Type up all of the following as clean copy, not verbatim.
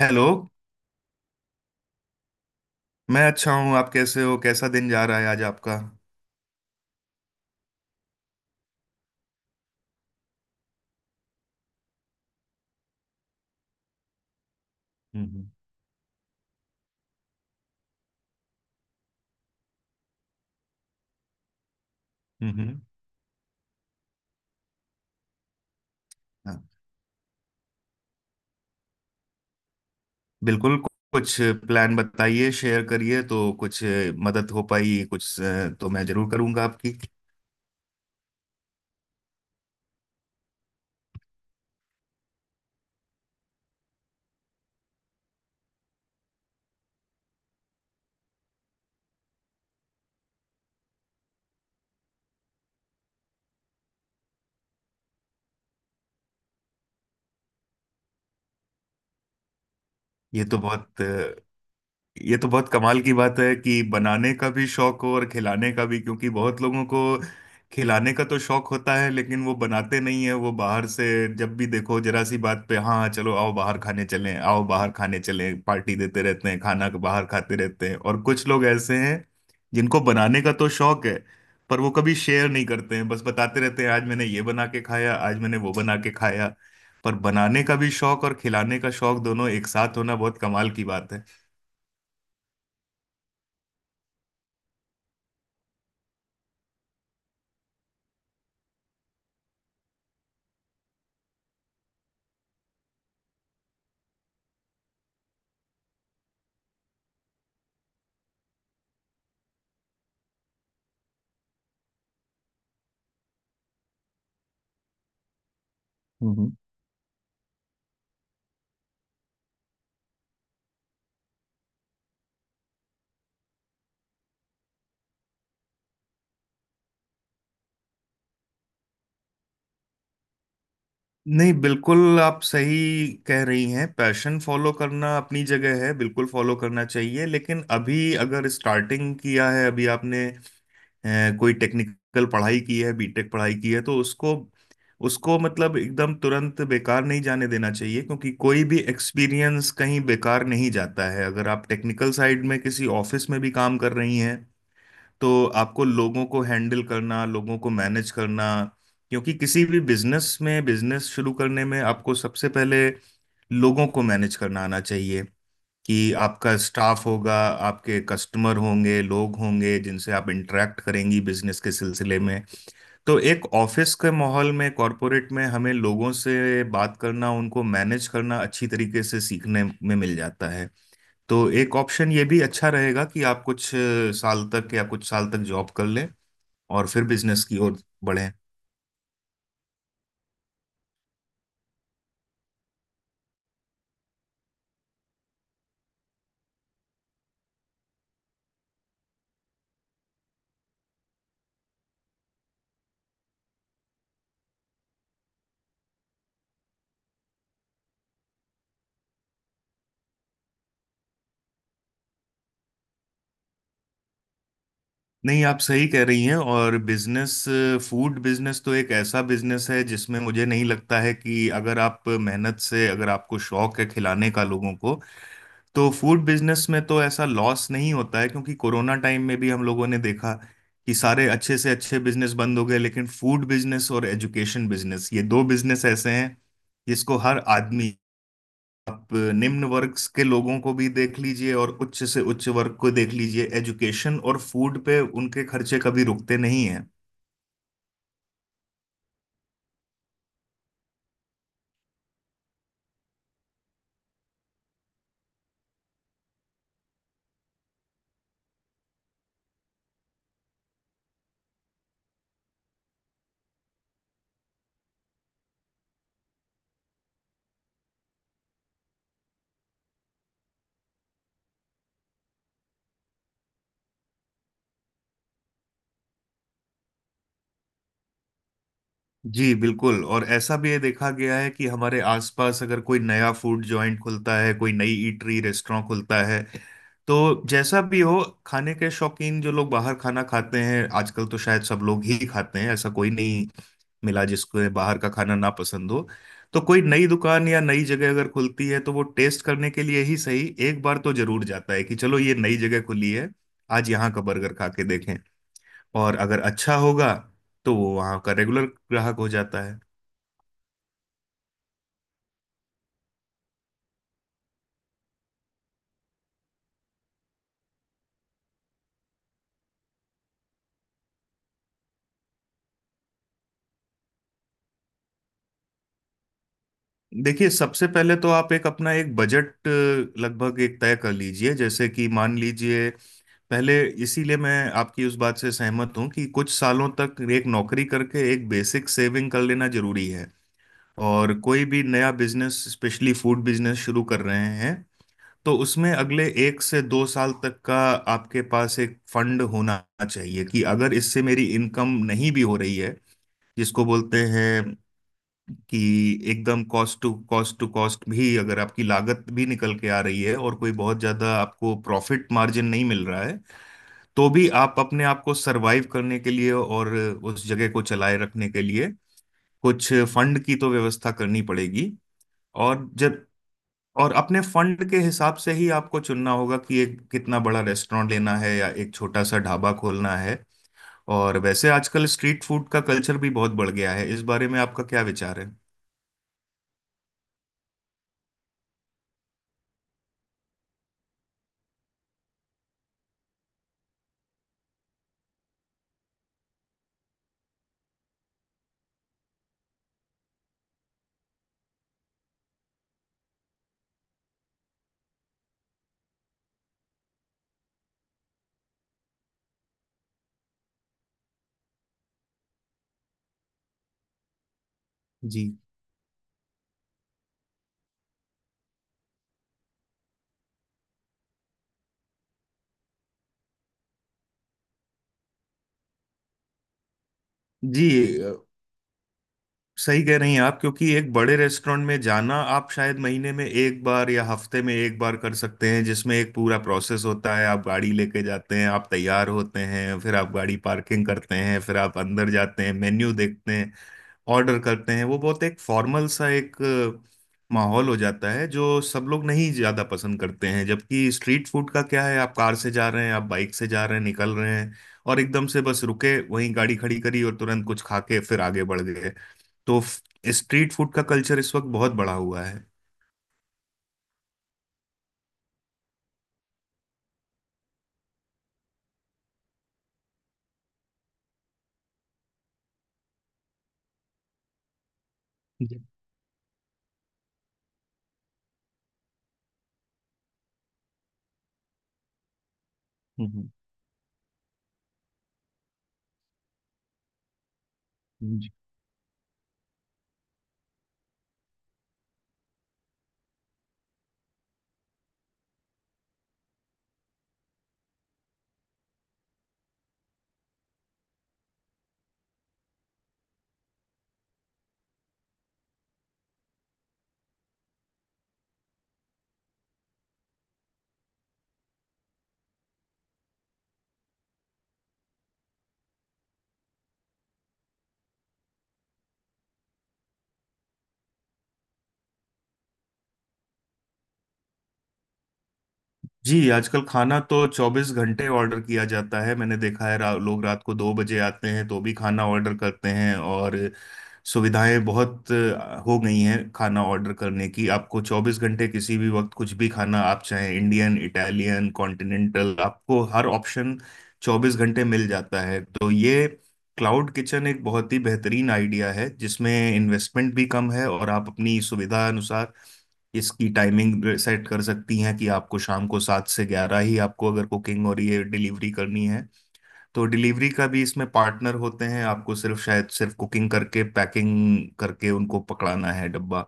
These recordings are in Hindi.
हेलो। मैं अच्छा हूँ, आप कैसे हो? कैसा दिन जा रहा है आज आपका? हम्म। हम्म। हाँ, बिल्कुल। कुछ प्लान बताइए, शेयर करिए तो कुछ मदद हो पाई कुछ तो मैं जरूर करूँगा आपकी। ये तो बहुत ये तो बहुत कमाल की बात है कि बनाने का भी शौक हो और खिलाने का भी, क्योंकि बहुत लोगों को खिलाने का तो शौक होता है लेकिन वो बनाते नहीं है, वो बाहर से जब भी देखो जरा सी बात पे हाँ चलो आओ बाहर खाने चलें आओ बाहर खाने चलें पार्टी देते रहते हैं, खाना बाहर खाते रहते हैं। और कुछ लोग ऐसे हैं जिनको बनाने का तो शौक है पर वो कभी शेयर नहीं करते हैं, बस बताते रहते हैं आज मैंने ये बना के खाया आज मैंने वो बना के खाया। पर बनाने का भी शौक और खिलाने का शौक दोनों एक साथ होना बहुत कमाल की बात है। नहीं, बिल्कुल आप सही कह रही हैं। पैशन फॉलो करना अपनी जगह है, बिल्कुल फॉलो करना चाहिए, लेकिन अभी अगर स्टार्टिंग किया है अभी आपने कोई टेक्निकल पढ़ाई की है, बीटेक पढ़ाई की है, तो उसको उसको मतलब एकदम तुरंत बेकार नहीं जाने देना चाहिए, क्योंकि कोई भी एक्सपीरियंस कहीं बेकार नहीं जाता है। अगर आप टेक्निकल साइड में किसी ऑफिस में भी काम कर रही हैं तो आपको लोगों को हैंडल करना, लोगों को मैनेज करना, क्योंकि किसी भी बिजनेस में, बिजनेस शुरू करने में आपको सबसे पहले लोगों को मैनेज करना आना चाहिए। कि आपका स्टाफ होगा, आपके कस्टमर होंगे, लोग होंगे जिनसे आप इंटरेक्ट करेंगी बिजनेस के सिलसिले में। तो एक ऑफिस के माहौल में, कॉरपोरेट में, हमें लोगों से बात करना, उनको मैनेज करना अच्छी तरीके से सीखने में मिल जाता है। तो एक ऑप्शन ये भी अच्छा रहेगा कि आप कुछ साल तक, या कुछ साल तक जॉब कर लें और फिर बिजनेस की ओर बढ़े। नहीं, आप सही कह रही हैं। और बिजनेस, फूड बिजनेस तो एक ऐसा बिजनेस है जिसमें मुझे नहीं लगता है कि अगर आप मेहनत से, अगर आपको शौक है खिलाने का लोगों को, तो फूड बिजनेस में तो ऐसा लॉस नहीं होता है। क्योंकि कोरोना टाइम में भी हम लोगों ने देखा कि सारे अच्छे से अच्छे बिजनेस बंद हो गए, लेकिन फूड बिजनेस और एजुकेशन बिजनेस, ये दो बिजनेस ऐसे हैं जिसको हर आदमी, आप निम्न वर्ग के लोगों को भी देख लीजिए और उच्च से उच्च वर्ग को देख लीजिए, एजुकेशन और फूड पे उनके खर्चे कभी रुकते नहीं हैं। जी, बिल्कुल। और ऐसा भी ये देखा गया है कि हमारे आसपास अगर कोई नया फूड जॉइंट खुलता है, कोई नई ईटरी रेस्टोरेंट खुलता है, तो जैसा भी हो, खाने के शौकीन जो लोग बाहर खाना खाते हैं, आजकल तो शायद सब लोग ही खाते हैं, ऐसा कोई नहीं मिला जिसको बाहर का खाना ना पसंद हो, तो कोई नई दुकान या नई जगह अगर खुलती है तो वो टेस्ट करने के लिए ही सही एक बार तो जरूर जाता है कि चलो ये नई जगह खुली है, आज यहाँ का बर्गर खा के देखें। और अगर अच्छा होगा तो वो वहाँ का रेगुलर ग्राहक हो जाता है। देखिए, सबसे पहले तो आप एक अपना एक बजट लगभग एक तय कर लीजिए। जैसे कि मान लीजिए, पहले, इसीलिए मैं आपकी उस बात से सहमत हूँ कि कुछ सालों तक एक नौकरी करके एक बेसिक सेविंग कर लेना जरूरी है। और कोई भी नया बिजनेस, स्पेशली फूड बिजनेस शुरू कर रहे हैं, तो उसमें अगले 1 से 2 साल तक का आपके पास एक फंड होना चाहिए। कि अगर इससे मेरी इनकम नहीं भी हो रही है, जिसको बोलते हैं कि एकदम cost to cost to cost भी, अगर आपकी लागत भी निकल के आ रही है और कोई बहुत ज्यादा आपको प्रॉफिट मार्जिन नहीं मिल रहा है, तो भी आप अपने आप को सरवाइव करने के लिए और उस जगह को चलाए रखने के लिए कुछ फंड की तो व्यवस्था करनी पड़ेगी। और जब और अपने फंड के हिसाब से ही आपको चुनना होगा कि एक कितना बड़ा रेस्टोरेंट लेना है या एक छोटा सा ढाबा खोलना है। और वैसे आजकल स्ट्रीट फूड का कल्चर भी बहुत बढ़ गया है, इस बारे में आपका क्या विचार है? जी, जी। अ, सही कह रही हैं आप, क्योंकि एक बड़े रेस्टोरेंट में जाना आप शायद महीने में एक बार या हफ्ते में एक बार कर सकते हैं, जिसमें एक पूरा प्रोसेस होता है, आप गाड़ी लेके जाते हैं, आप तैयार होते हैं, फिर आप गाड़ी पार्किंग करते हैं, फिर आप अंदर जाते हैं, मेन्यू देखते हैं, ऑर्डर करते हैं। वो बहुत एक फॉर्मल सा एक माहौल हो जाता है, जो सब लोग नहीं ज़्यादा पसंद करते हैं। जबकि स्ट्रीट फूड का क्या है, आप कार से जा रहे हैं, आप बाइक से जा रहे हैं, निकल रहे हैं, और एकदम से बस रुके वहीं गाड़ी खड़ी करी और तुरंत कुछ खा के फिर आगे बढ़ गए। तो स्ट्रीट फूड का कल्चर इस वक्त बहुत बड़ा हुआ है। जी, आजकल खाना तो 24 घंटे ऑर्डर किया जाता है। मैंने देखा है लोग रात को 2 बजे आते हैं तो भी खाना ऑर्डर करते हैं। और सुविधाएं बहुत हो गई हैं खाना ऑर्डर करने की। आपको 24 घंटे किसी भी वक्त कुछ भी खाना आप चाहें, इंडियन, इटालियन, कॉन्टिनेंटल, आपको हर ऑप्शन 24 घंटे मिल जाता है। तो ये क्लाउड किचन एक बहुत ही बेहतरीन आइडिया है, जिसमें इन्वेस्टमेंट भी कम है और आप अपनी सुविधा अनुसार इसकी टाइमिंग सेट कर सकती हैं। कि आपको शाम को 7 से 11 ही आपको अगर कुकिंग और ये डिलीवरी करनी है, तो डिलीवरी का भी इसमें पार्टनर होते हैं, आपको सिर्फ, शायद सिर्फ कुकिंग करके पैकिंग करके उनको पकड़ाना है डब्बा।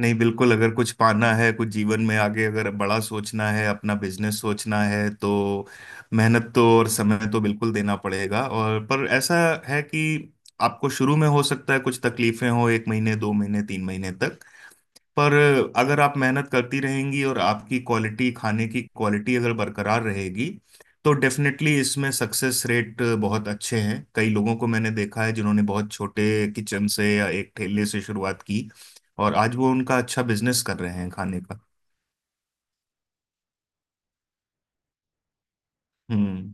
नहीं, बिल्कुल, अगर कुछ पाना है, कुछ जीवन में आगे अगर बड़ा सोचना है, अपना बिजनेस सोचना है, तो मेहनत तो और समय तो बिल्कुल देना पड़ेगा। और पर ऐसा है कि आपको शुरू में हो सकता है कुछ तकलीफें हो, 1 महीने 2 महीने 3 महीने तक। पर अगर आप मेहनत करती रहेंगी और आपकी क्वालिटी, खाने की क्वालिटी अगर बरकरार रहेगी, तो डेफिनेटली इसमें सक्सेस रेट बहुत अच्छे हैं। कई लोगों को मैंने देखा है जिन्होंने बहुत छोटे किचन से या एक ठेले से शुरुआत की और आज वो उनका अच्छा बिजनेस कर रहे हैं खाने का। हम्म।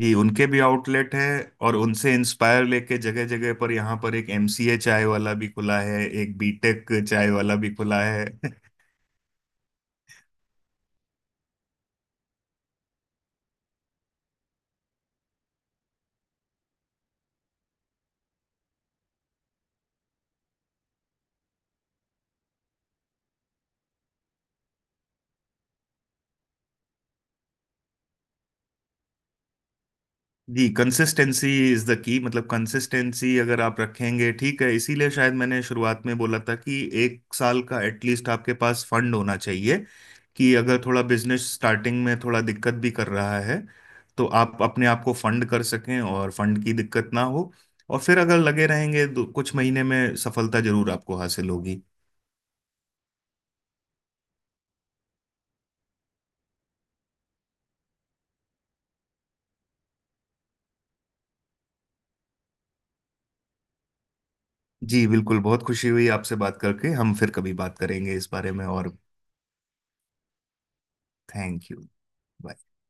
जी, उनके भी आउटलेट है और उनसे इंस्पायर लेके जगह जगह पर, यहाँ पर एक एमसीए चाय वाला भी खुला है, एक बीटेक चाय वाला भी खुला है। जी, कंसिस्टेंसी इज द की। मतलब कंसिस्टेंसी अगर आप रखेंगे, ठीक है, इसीलिए शायद मैंने शुरुआत में बोला था कि 1 साल का एटलीस्ट आपके पास फंड होना चाहिए। कि अगर थोड़ा बिजनेस स्टार्टिंग में थोड़ा दिक्कत भी कर रहा है, तो आप अपने आप को फंड कर सकें और फंड की दिक्कत ना हो। और फिर अगर लगे रहेंगे तो कुछ महीने में सफलता जरूर आपको हासिल होगी। जी, बिल्कुल, बहुत खुशी हुई आपसे बात करके, हम फिर कभी बात करेंगे इस बारे में। और थैंक यू।